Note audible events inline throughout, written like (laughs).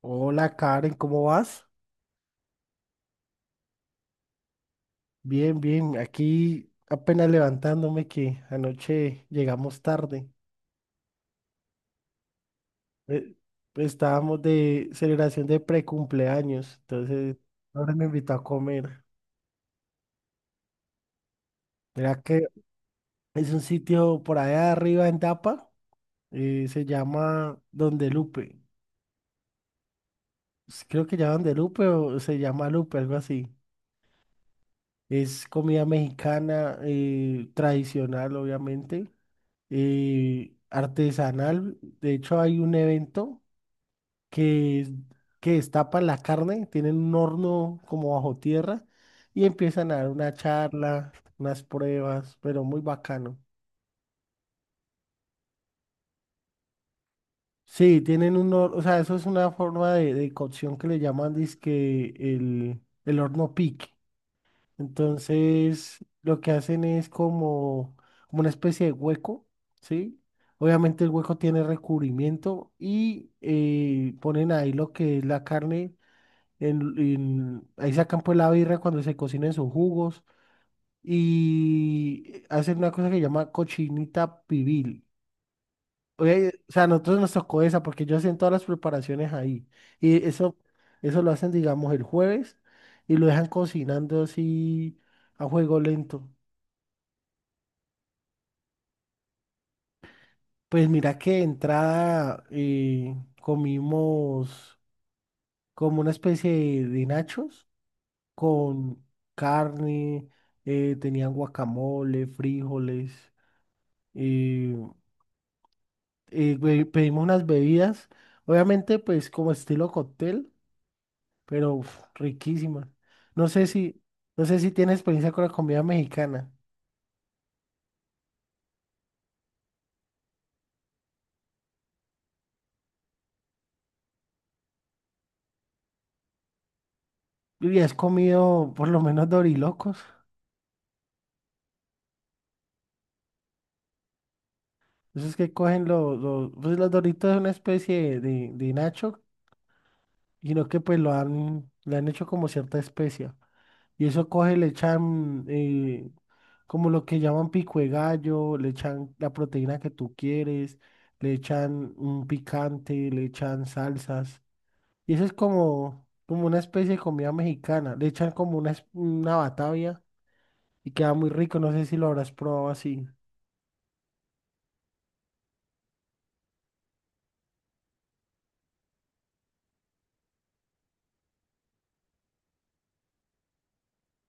Hola Karen, ¿cómo vas? Bien, bien, aquí apenas levantándome que anoche llegamos tarde. Eh, Estábamos de celebración de precumpleaños, entonces ahora me invitó a comer. Mira que es un sitio por allá arriba en Tapa, se llama Donde Lupe. Creo que llama Donde Lupe o se llama Lupe, algo así. Es comida mexicana, tradicional, obviamente. Artesanal. De hecho, hay un evento que, es- que destapan la carne, tienen un horno como bajo tierra y empiezan a dar una charla, unas pruebas, pero muy bacano. Sí, tienen un horno, o sea, eso es una forma de cocción que le llaman dizque el horno pique. Entonces, lo que hacen es como, como una especie de hueco, ¿sí? Obviamente el hueco tiene recubrimiento y ponen ahí lo que es la carne, ahí sacan pues la birra cuando se cocinen sus jugos y hacen una cosa que se llama cochinita pibil. Oye, o sea, a nosotros nos tocó esa porque yo hacen todas las preparaciones ahí y eso lo hacen, digamos, el jueves y lo dejan cocinando así a fuego lento. Pues mira que de entrada comimos como una especie de nachos con carne, tenían guacamole, frijoles, eh, pedimos unas bebidas, obviamente pues como estilo cóctel, pero uf, riquísimas. No sé si, no sé si tienes experiencia con la comida mexicana. ¿Y has comido por lo menos dorilocos? Esos que cogen pues los doritos es una especie de nacho y no que pues lo han, le han hecho como cierta especia. Y eso coge, le echan como lo que llaman pico de gallo, le echan la proteína que tú quieres, le echan un picante, le echan salsas. Y eso es como, como una especie de comida mexicana. Le echan como una batavia y queda muy rico. No sé si lo habrás probado así.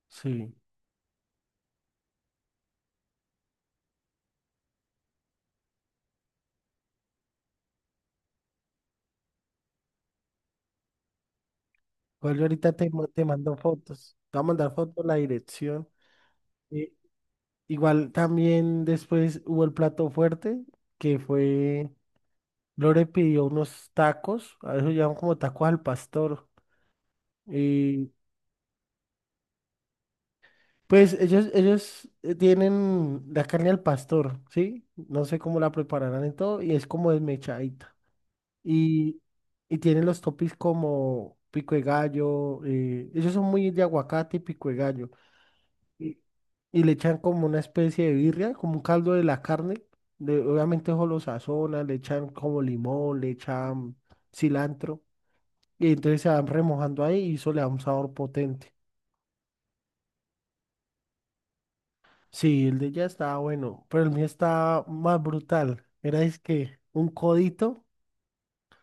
Sí. Igual yo ahorita te mando fotos. Te voy a mandar fotos, la dirección. Igual también después hubo el plato fuerte, que fue, Lore pidió unos tacos, a eso llaman como tacos al pastor. Y pues ellos tienen la carne al pastor, ¿sí? No sé cómo la prepararán y todo, y es como desmechadita. Y, y tienen los topis como pico de gallo, ellos son muy de aguacate y pico de gallo. Y, y le echan como una especie de birria, como un caldo de la carne. Obviamente eso lo sazonan, le echan como limón, le echan cilantro. Y entonces se van remojando ahí y eso le da un sabor potente. Sí, el de ella estaba bueno, pero el mío estaba más brutal. Era es que un codito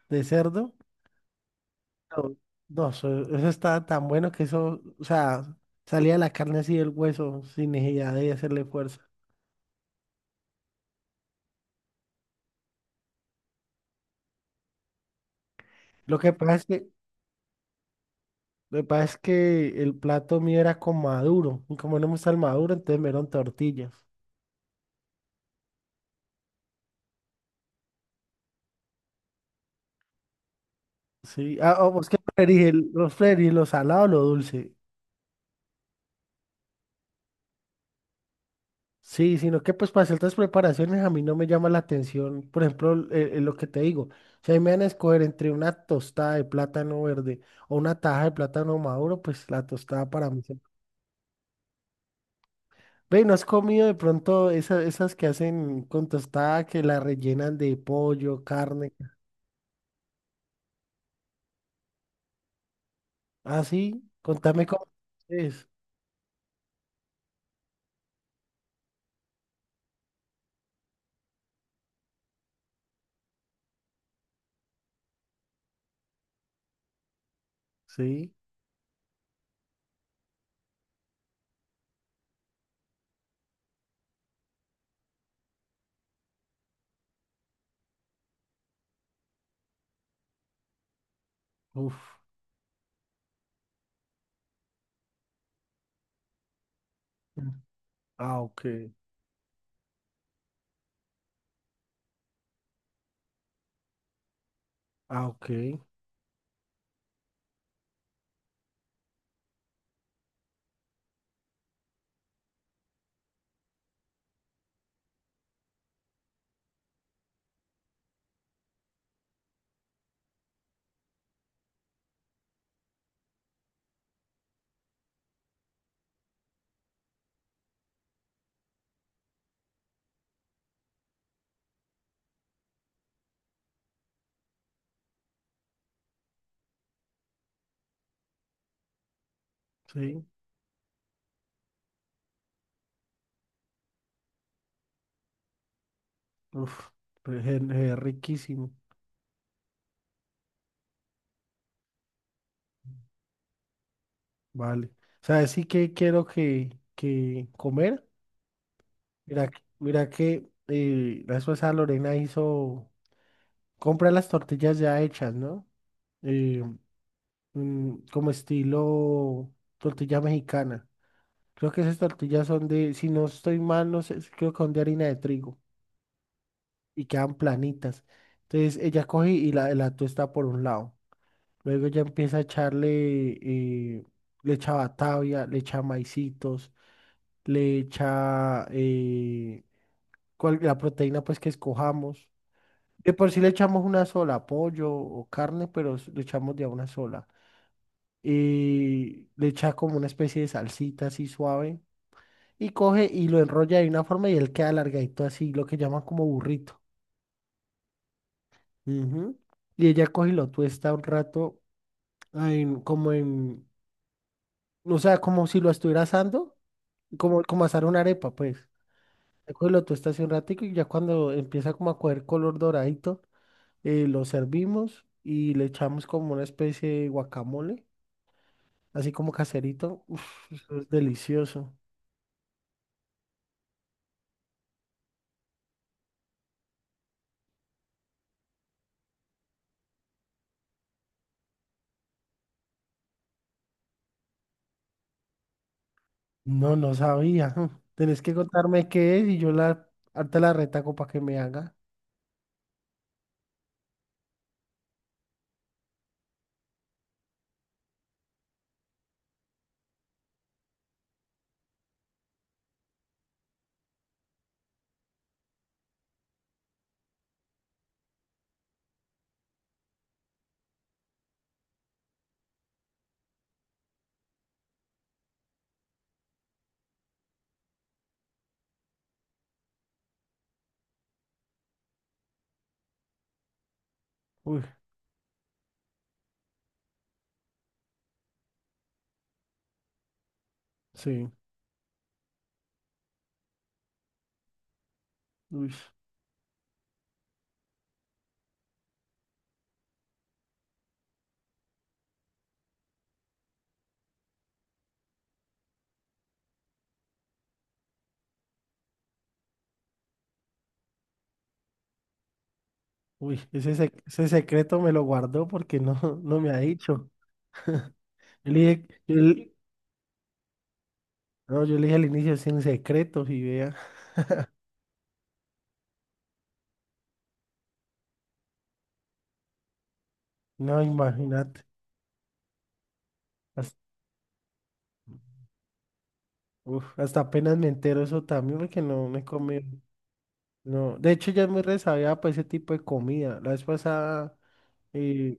de cerdo. No, no, eso estaba tan bueno que eso, o sea, salía la carne así del hueso sin necesidad de hacerle fuerza. Lo que pasa es que Lo que pasa es que el plato mío era con maduro, y como no me gusta el maduro, entonces me dieron tortillas. Sí, ah, oh, pues qué preferís, los preferís, lo salado o lo dulce. Sí, sino que pues para ciertas preparaciones a mí no me llama la atención, por ejemplo, lo que te digo, si ahí me van a escoger entre una tostada de plátano verde o una taja de plátano maduro, pues la tostada para mí siempre. Ve, ¿no has comido de pronto esas que hacen con tostada que la rellenan de pollo, carne? Ah, sí, contame cómo es. Sí, uf. Mm, ah, ok, ah, ok, sí, uf, pues es riquísimo, vale. ¿Sabes sí que quiero que comer? Mira, mira que la esposa Lorena hizo, compra las tortillas ya hechas, ¿no? Eh, Como estilo tortilla mexicana. Creo que esas tortillas son de, si no estoy mal, no sé, creo que son de harina de trigo y quedan planitas. Entonces ella coge y la tuesta por un lado. Luego ya empieza a echarle, le echa batavia, le echa maicitos, le echa la proteína pues que escojamos. De por sí le echamos una sola, pollo o carne, pero le echamos de a una sola. Y le echa como una especie de salsita así suave. Y coge y lo enrolla de una forma y él queda alargadito así, lo que llaman como burrito. Ujú. Y ella coge y lo tuesta un rato, en- como en, o sea, como si lo estuviera asando como, como asar una arepa, pues. Después lo tostas un ratico y ya cuando empieza como a coger color doradito, lo servimos y le echamos como una especie de guacamole, así como caserito. Uf, eso es delicioso. No, no sabía. (laughs) Mm. Tenés que contarme qué es y yo la, harta la retaco para que me haga. Uy, sí, uy, uy, ese secreto me lo guardó porque no, (laughs) no me ha dicho. (laughs) Yo le dije, yo le- No, yo le dije al inicio sin secretos y vea. No, imagínate. Hasta, uf, hasta apenas me entero eso también porque no me he comido. No, de hecho ya es muy resabiada para ese tipo de comida. La vez pasada, eh,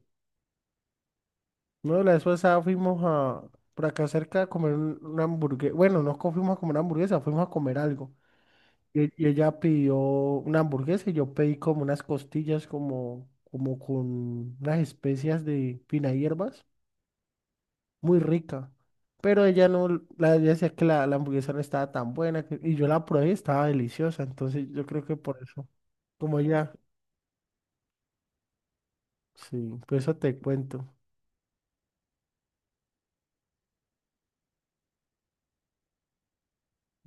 no, la vez pasada por acá cerca a comer una hamburguesa. Bueno, no co- fuimos a comer una hamburguesa, fuimos a comer algo. Y ella pidió una hamburguesa y yo pedí como unas costillas como, como con unas especias de fina hierbas. Muy rica. Pero ella no, ella decía que la hamburguesa no estaba tan buena que- y yo la probé estaba deliciosa. Entonces yo creo que por eso, como ella, sí, por eso te cuento.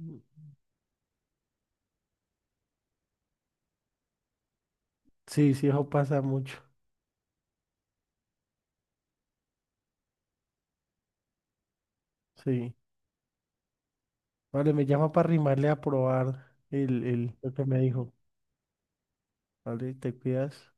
Mm, sí, sí, eso pasa mucho. Sí. Vale, me llama para arrimarle a probar lo que me dijo. Vale, te cuidas.